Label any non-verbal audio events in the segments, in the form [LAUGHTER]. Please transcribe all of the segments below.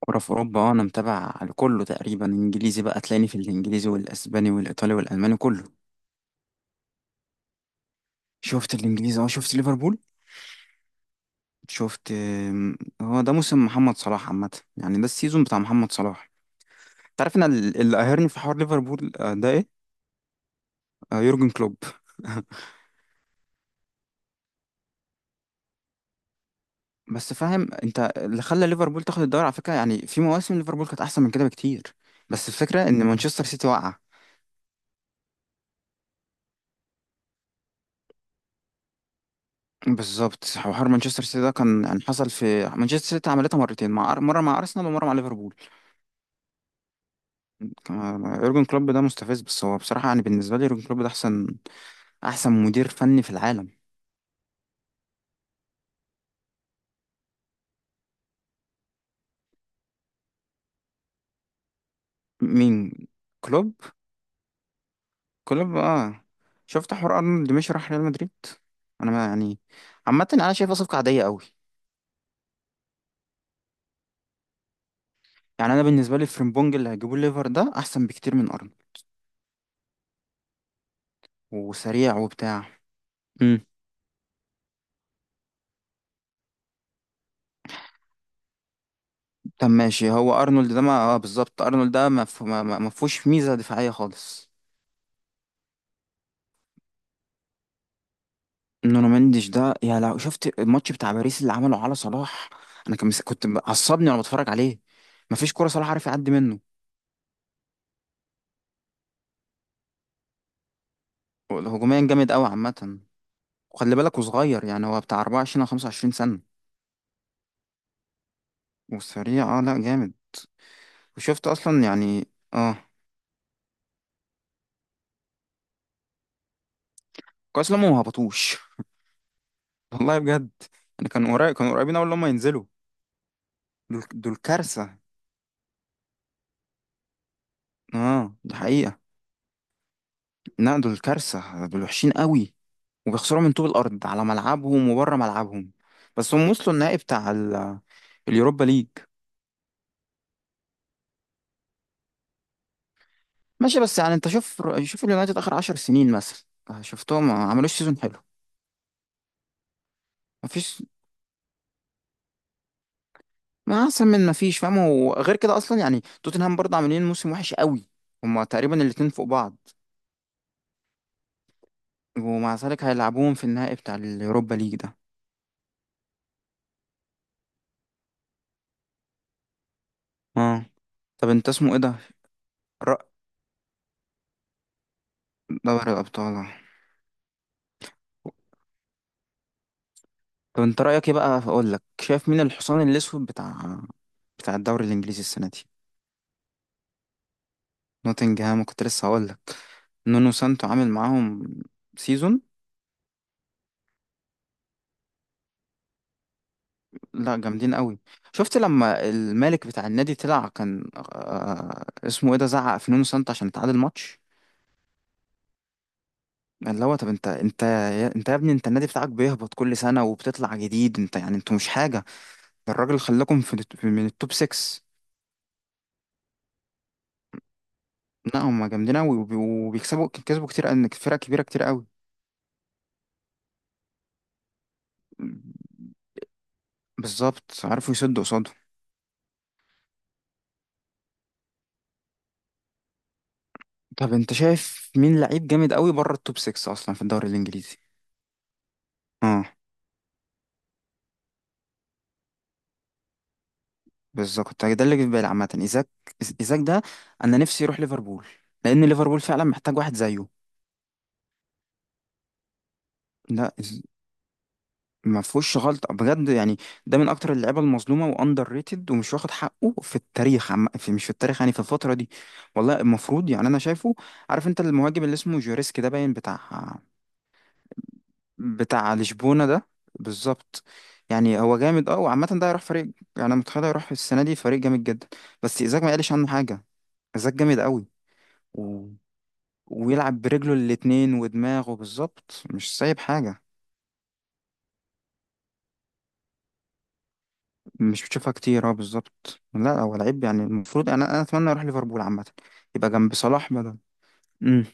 كورة في أوروبا، أنا متابع كله تقريبا، إنجليزي. بقى تلاقيني في الإنجليزي والأسباني والإيطالي والألماني كله. شفت الإنجليزي، شفت ليفربول. شفت هو ده موسم محمد صلاح عامة. يعني ده السيزون بتاع محمد صلاح. تعرف أنا اللي قاهرني في حوار ليفربول ده إيه؟ يورجن كلوب. [LAUGHS] بس فاهم أنت اللي خلى ليفربول تاخد الدوري على فكرة؟ يعني في مواسم ليفربول كانت أحسن من كده بكتير، بس الفكرة إن مانشستر سيتي وقع. بالظبط، حوار مانشستر سيتي ده كان يعني حصل في مانشستر سيتي، عملتها مرتين، مع مرة مع أرسنال ومرة مع ليفربول. آه، يورجن كلوب ده مستفز، بس هو بصراحة، يعني بالنسبة لي يورجن كلوب ده أحسن مدير فني في العالم. مين، كلوب؟ كلوب، اه. شفت حوار أرنولد مشي راح ريال مدريد؟ أنا ما يعني عامة أنا شايفها صفقة عادية قوي. يعني أنا بالنسبة لي فريمبونج اللي هيجيبوه ليفر ده أحسن بكتير من أرنولد، وسريع وبتاع. امم. طب ماشي، هو أرنولد ده ما، اه بالظبط، أرنولد ده ما ما فيهوش ميزة دفاعية خالص. نونو مندش ده، يا لو شفت الماتش بتاع باريس اللي عمله على صلاح، انا كان كنت عصبني وانا بتفرج عليه. مفيش كوره صلاح عارف يعدي منه. هجوميا جامد قوي عامه. وخلي بالك وصغير، يعني هو بتاع 24 او 25 سنه. وسريع، اه لا جامد. وشفت اصلا يعني. اه، كويس لما ما هبطوش. [LAUGHS] والله بجد. يعني كانوا قريبين اول لما ينزلوا. دول كارثه. اه دي حقيقه. لا دول كارثه، دول وحشين قوي وبيخسروا من طوب الارض على ملعبهم وبره ملعبهم. بس هم وصلوا النهائي بتاع اليوروبا ليج. ماشي، بس يعني انت شوف اليونايتد اخر عشر سنين مثلا، شفتهم ما عملوش سيزون حلو. مفيش. ما احسن من مفيش، فاهم؟ وغير كده اصلا يعني توتنهام برضه عاملين موسم وحش قوي. هما تقريبا الاتنين فوق بعض. ومع ذلك هيلعبوهم في النهائي بتاع اليوروبا ليج ده. اه. طب انت اسمه ايه ده؟ رأ... دوري الابطال. طب انت رايك ايه بقى، اقول لك شايف مين الحصان الاسود بتاع الدوري الانجليزي السنه دي؟ نوتنجهام كنت لسه هقول لك. نونو سانتو عامل معاهم سيزون. لا جامدين قوي. شفت لما الملك بتاع النادي طلع كان، آه اسمه ايه ده، زعق في نونو سانتو عشان تعادل ماتش؟ اللي هو طب انت يا ابني، انت النادي بتاعك بيهبط كل سنه وبتطلع جديد، انت يعني انتوا مش حاجه. ده الراجل خلاكم في من التوب 6. لا هم جامدين قوي، وبيكسبوا كتير، ان فرق كبيره كتير قوي. بالظبط، عارفوا يسدوا قصاده. طب انت شايف مين لعيب جامد قوي بره التوب 6 اصلا في الدوري الانجليزي؟ اه بالظبط، كنت ده اللي جه في بالي عامة، ايزاك. ايزاك ده، انا نفسي يروح ليفربول، لان ليفربول فعلا محتاج واحد زيه. لا ما فيهوش غلطة بجد يعني. ده من اكتر اللعيبة المظلومة واندر ريتد، ومش واخد حقه في التاريخ، عم... في مش في التاريخ، يعني في الفترة دي. والله المفروض، يعني انا شايفه. عارف انت المهاجم اللي اسمه جوريسك ده باين، بتاع لشبونة ده؟ بالظبط. يعني هو جامد اه، وعامة ده هيروح فريق، يعني متخيل هيروح السنة دي فريق جامد جدا. بس ايزاك ما قالش عنه حاجة. ايزاك جامد قوي، ويلعب برجله الاتنين ودماغه، بالظبط مش سايب حاجة. مش بتشوفها كتير، اه بالظبط. لا هو لعيب يعني المفروض، انا اتمنى يروح ليفربول عامة، يبقى جنب صلاح بدل. امم.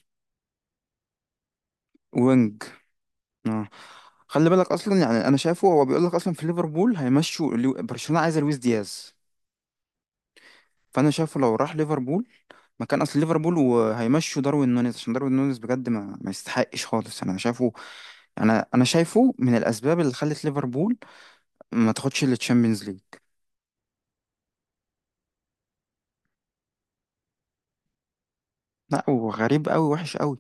وينج. اه. خلي بالك اصلا، يعني انا شايفه هو بيقول لك اصلا في ليفربول هيمشوا برشلونة عايزه لويس دياز. فانا شايفه لو راح ليفربول مكان اصل ليفربول، وهيمشوا داروين نونيز، عشان داروين نونيز بجد ما يستحقش خالص انا شايفه. انا شايفه من الاسباب اللي خلت ليفربول ما تاخدش التشامبيونز ليج. لا وغريب قوي، وحش قوي.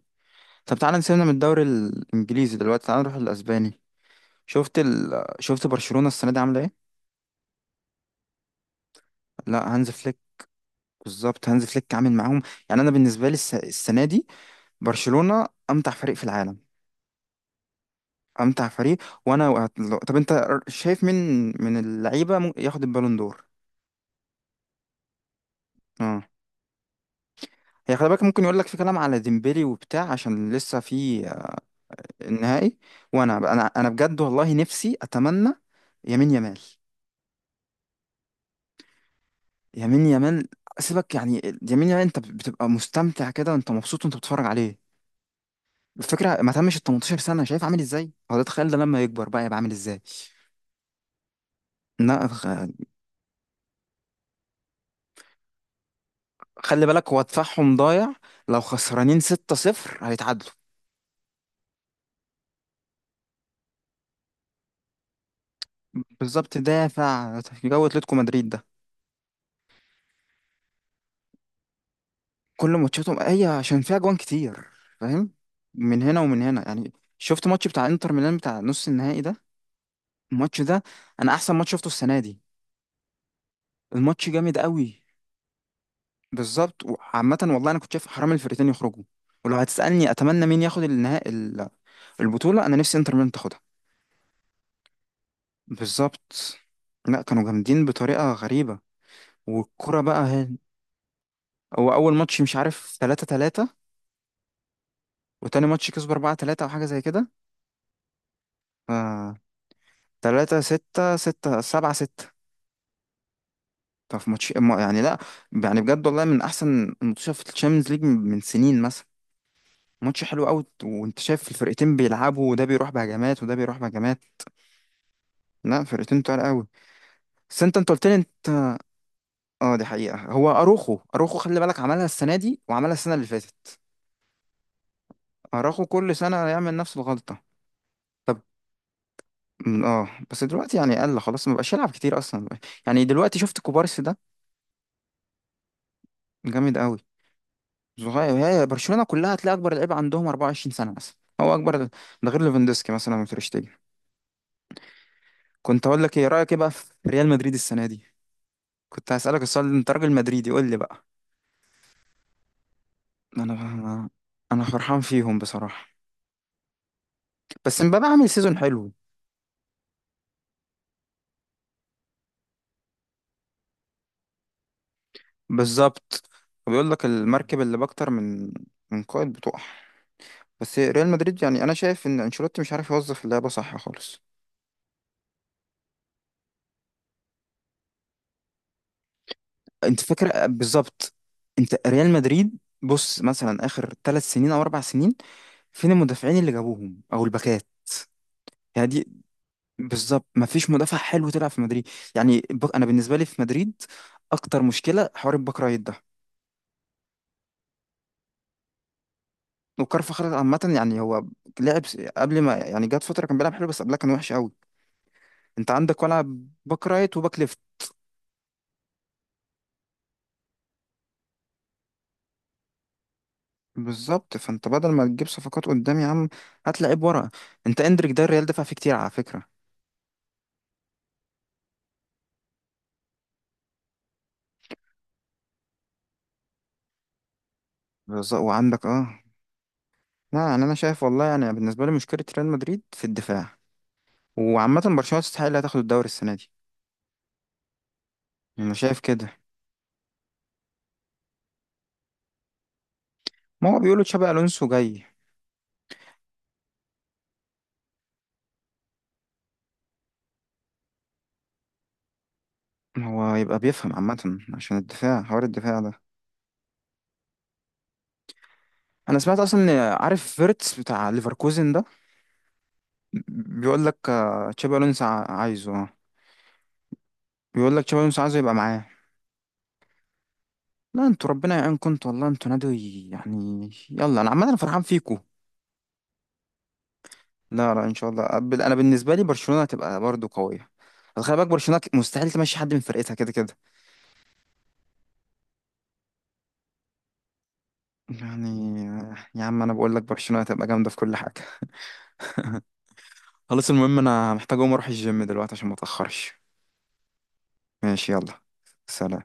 طب تعالى نسيبنا من الدوري الانجليزي دلوقتي، تعالى نروح الاسباني. شفت برشلونة السنة دي عاملة ايه؟ لا هانز فليك. بالظبط، هانز فليك عامل معاهم. يعني انا بالنسبة لي السنة دي برشلونة امتع فريق في العالم. امتع فريق. طب انت شايف مين من اللعيبة ممكن ياخد البالون دور؟ اه. هي خلي بالك ممكن يقول لك في كلام على ديمبلي وبتاع، عشان لسه في النهائي. وانا انا انا بجد والله نفسي اتمنى يمين يمال. يمين يمال. سيبك يعني. يمين يمال، انت بتبقى مستمتع كده وانت مبسوط وانت بتتفرج عليه. الفكره ما تمش ال 18 سنه، شايف عامل ازاي؟ هو ده، تخيل ده لما يكبر بقى يبقى عامل ازاي. لا خلي بالك هو دفاعهم ضايع، لو خسرانين 6-0 هيتعادلوا. بالظبط، دافع جو اتلتيكو مدريد ده. كل ماتشاتهم، هي عشان فيها جوان كتير، فاهم، من هنا ومن هنا. يعني شفت ماتش بتاع انتر ميلان بتاع نص النهائي ده؟ الماتش ده انا احسن ماتش شفته السنه دي. الماتش جامد قوي، بالظبط. وعامة والله أنا كنت شايف حرام الفرقتين يخرجوا. ولو هتسألني أتمنى مين ياخد النهائي البطولة، أنا نفسي إنتر ميلان تاخدها. بالظبط. لا كانوا جامدين بطريقة غريبة. والكرة بقى هي، هو أول ماتش مش عارف 3 3، وتاني ماتش كسبوا 4 3 أو حاجة زي كده. ف 3 6 6 7 6. طب في ماتش إيه؟ ما- يعني لا يعني بجد والله من أحسن الماتشات في الشامبيونز ليج من سنين مثلا. ماتش حلو قوي، وانت شايف الفرقتين بيلعبوا، وده بيروح بهجمات وده بيروح بهجمات. لا فرقتين تقال قوي. بس انت قلت لي انت. اه دي حقيقة، هو اروخو خلي بالك عملها السنة دي وعملها السنة اللي فاتت. اروخو كل سنة يعمل نفس الغلطة. طب، اه بس دلوقتي يعني قل خلاص، ما بقاش يلعب كتير اصلا. يعني دلوقتي شفت كوبارسي ده؟ جامد قوي. صغير. هي برشلونة كلها هتلاقي اكبر لعيب عندهم 24 سنة مثلا، هو اكبر ده غير ليفاندوسكي مثلا وتريشتيجن. كنت اقول لك ايه رأيك ايه بقى في ريال مدريد السنة دي؟ كنت هسألك السؤال ده، انت راجل مدريدي قول لي بقى. انا انا فرحان فيهم بصراحة. بس امبابة عامل سيزون حلو. بالظبط. بيقول لك المركب اللي باكتر من قائد بتقع. بس ريال مدريد يعني انا شايف ان انشيلوتي مش عارف يوظف اللعبه صح خالص. انت فاكر، بالظبط. انت ريال مدريد بص مثلا اخر ثلاث سنين او اربع سنين، فين المدافعين اللي جابوهم او الباكات؟ يعني دي، بالظبط، ما فيش مدافع حلو تلعب في مدريد. يعني انا بالنسبه لي في مدريد اكتر مشكله حوار الباك رايت ده. وكارفاخال عامه، يعني هو لعب قبل ما يعني جات فتره كان بيلعب حلو، بس قبلها كان وحش قوي. انت عندك ولعب باك رايت وباك ليفت. بالظبط، فانت بدل ما تجيب صفقات قدام يا عم، هات لعيب ورا. انت اندريك ده الريال دفع فيه كتير على فكره. بالظبط، وعندك اه. لا يعني انا شايف والله، يعني بالنسبه لي مشكله ريال مدريد في الدفاع. وعامه برشلونه تستحق اللي هتاخد الدوري السنه دي. انا شايف كده. ما هو بيقولوا تشابي الونسو جاي. هو يبقى بيفهم عامه، عشان الدفاع حوار الدفاع ده. انا سمعت اصلا ان، عارف فيرتس بتاع ليفركوزن ده؟ بيقول لك تشابي الونسو عايزه، اه. بيقول لك تشابي الونسو عايزه يبقى معاه. لا انتوا ربنا يعينكم، انتوا والله انتوا نادي يعني يلا، انا عمال انا فرحان فيكم. لا لا ان شاء الله. انا بالنسبه لي برشلونه هتبقى برضو قويه، بس خلي بالك برشلونه مستحيل تمشي حد من فرقتها كده كده. يعني يا عم انا بقول لك برشلونه هتبقى جامده في كل حاجه. خلاص، المهم انا محتاج اقوم اروح الجيم دلوقتي عشان ما اتاخرش. ماشي يلا، سلام.